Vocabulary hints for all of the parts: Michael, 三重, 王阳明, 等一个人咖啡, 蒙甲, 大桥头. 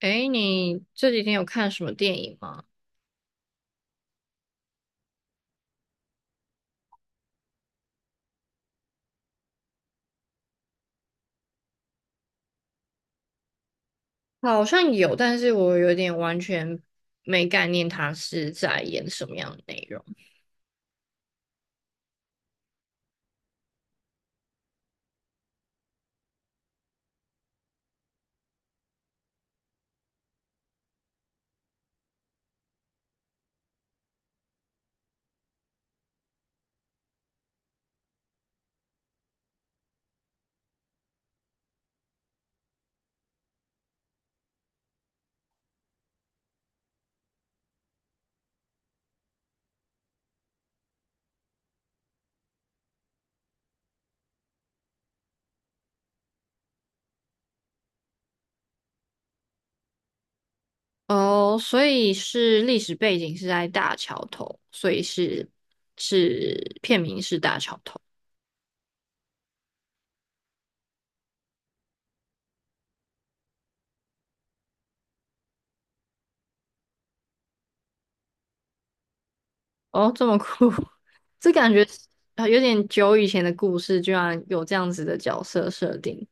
诶，你这几天有看什么电影吗？好像有，但是我有点完全没概念，他是在演什么样的内容。哦，所以是历史背景是在大桥头，所以是片名是大桥头。哦，这么酷，这感觉啊有点久以前的故事，居然有这样子的角色设定。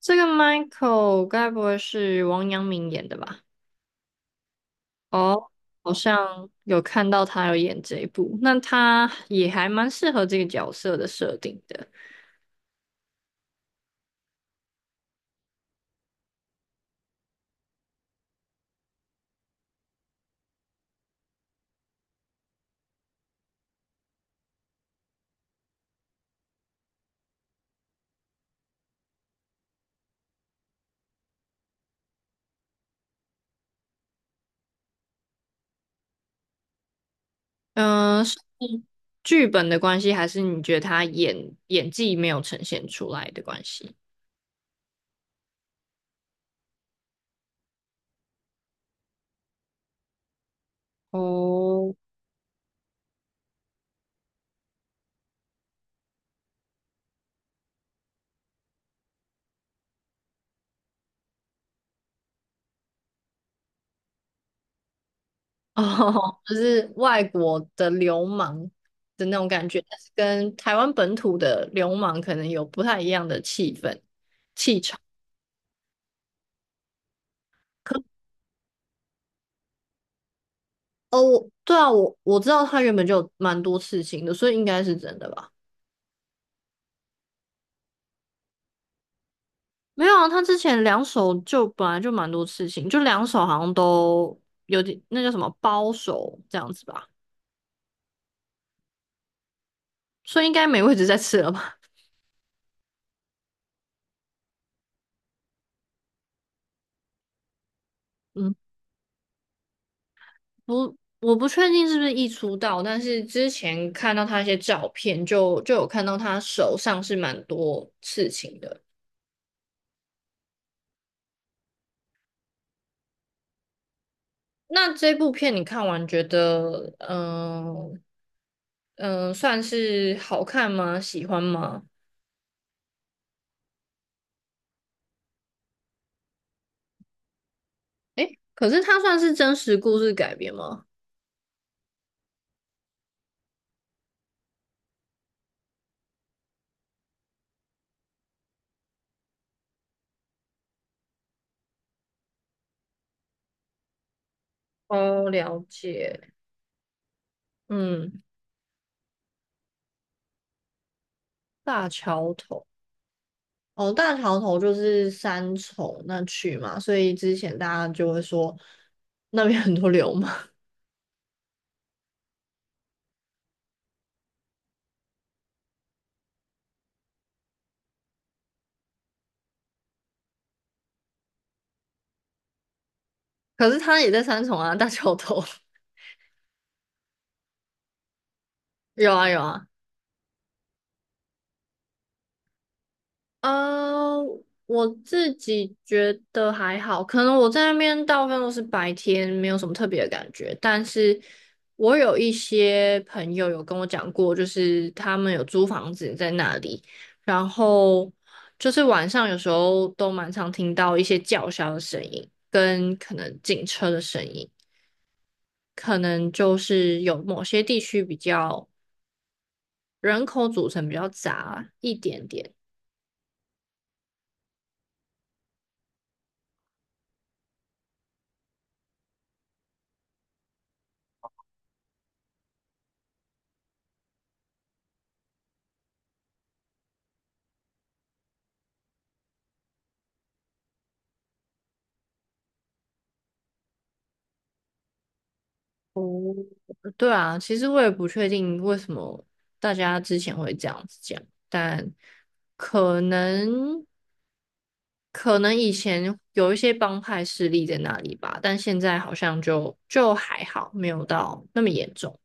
这个 Michael 该不会是王阳明演的吧？哦，好像有看到他有演这一部，那他也还蛮适合这个角色的设定的。嗯、是剧本的关系，还是你觉得他演技没有呈现出来的关系？哦，哦，就是外国的流氓的那种感觉，但是跟台湾本土的流氓可能有不太一样的气氛气场。可哦，我对啊，我知道他原本就有蛮多刺青的，所以应该是真的吧。没有啊，他之前两手就本来就蛮多事情，就两手好像都有点那叫什么包手这样子吧，所以应该没位置再吃了吧？嗯，不，我不确定是不是一出道，但是之前看到他一些照片就有看到他手上是蛮多事情的。那这部片你看完觉得，嗯、嗯、算是好看吗？喜欢吗？可是它算是真实故事改编吗？哦，了解，嗯。大桥头哦，大桥头就是三重那区嘛，所以之前大家就会说那边很多流氓，可是他也在三重啊，大桥头 有啊有啊，呃，我自己觉得还好，可能我在那边大部分都是白天，没有什么特别的感觉。但是我有一些朋友有跟我讲过，就是他们有租房子在那里，然后就是晚上有时候都蛮常听到一些叫嚣的声音，跟可能警车的声音，可能就是有某些地区比较人口组成比较杂一点点。对啊，其实我也不确定为什么大家之前会这样子讲，但可能可能以前有一些帮派势力在那里吧，但现在好像就还好，没有到那么严重。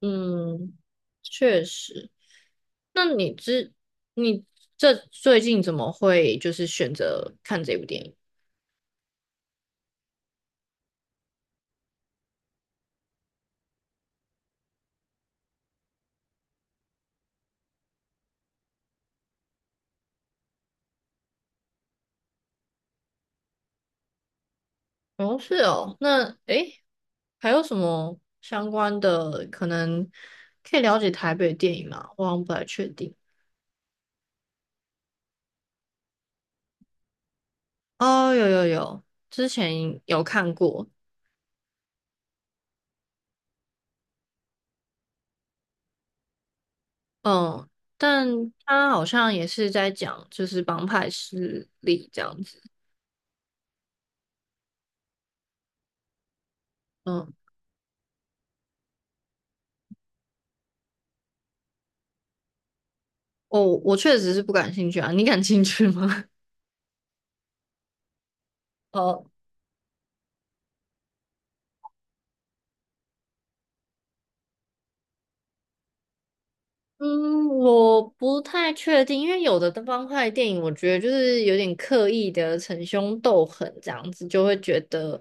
嗯，确实。那你这最近怎么会就是选择看这部电影？哦，是哦，那诶，还有什么相关的可能可以了解台北的电影吗？我好像不太确定。哦，有有有，之前有看过，嗯，但他好像也是在讲就是帮派势力这样子，嗯，哦，我确实是不感兴趣啊，你感兴趣吗？哦。嗯，我不太确定，因为有的方块电影，我觉得就是有点刻意的逞凶斗狠这样子，就会觉得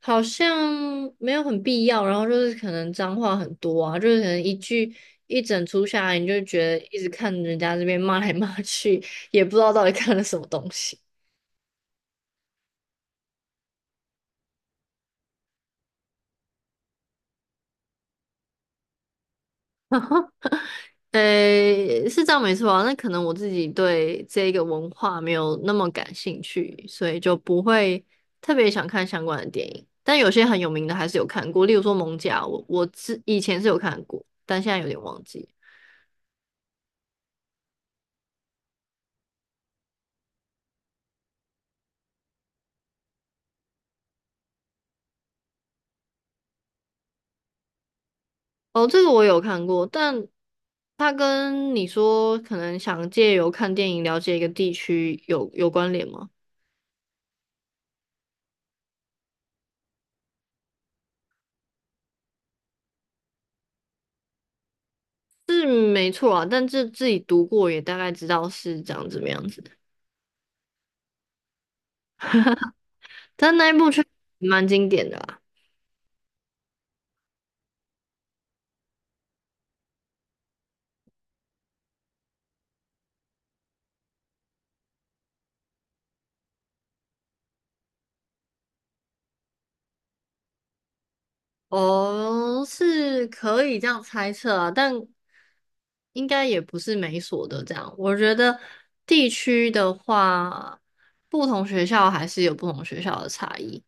好像没有很必要，然后就是可能脏话很多啊，就是可能一句一整出下来，你就觉得一直看人家这边骂来骂去，也不知道到底看了什么东西。诶，是这样没错啊。那可能我自己对这个文化没有那么感兴趣，所以就不会特别想看相关的电影。但有些很有名的还是有看过，例如说《蒙甲》我，以前是有看过，但现在有点忘记。哦，这个我有看过，但它跟你说可能想借由看电影了解一个地区有关联吗？是没错啊，但这自己读过也大概知道是长怎么样子。但那一部却蛮经典的啦。哦，是可以这样猜测啊，但应该也不是每所的这样。我觉得地区的话，不同学校还是有不同学校的差异。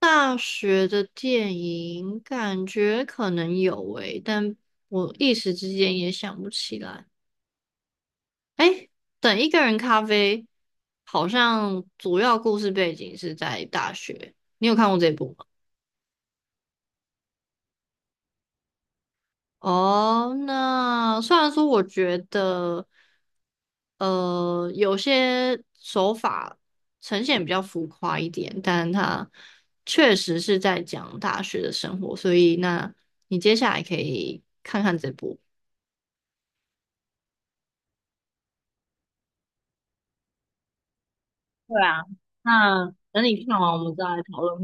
大学的电影感觉可能有诶，但我一时之间也想不起来。诶，等一个人咖啡，好像主要故事背景是在大学。你有看过这部？吗？哦，那虽然说我觉得，有些手法呈现比较浮夸一点，但它确实是在讲大学的生活，所以那你接下来可以看看这部。对啊，那等你看完，我们再来讨论。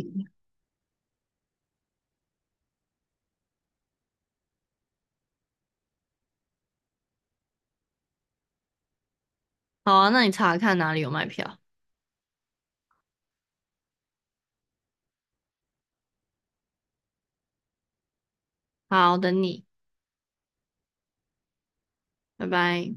好啊，那你查看哪里有卖票。好，等你，拜拜。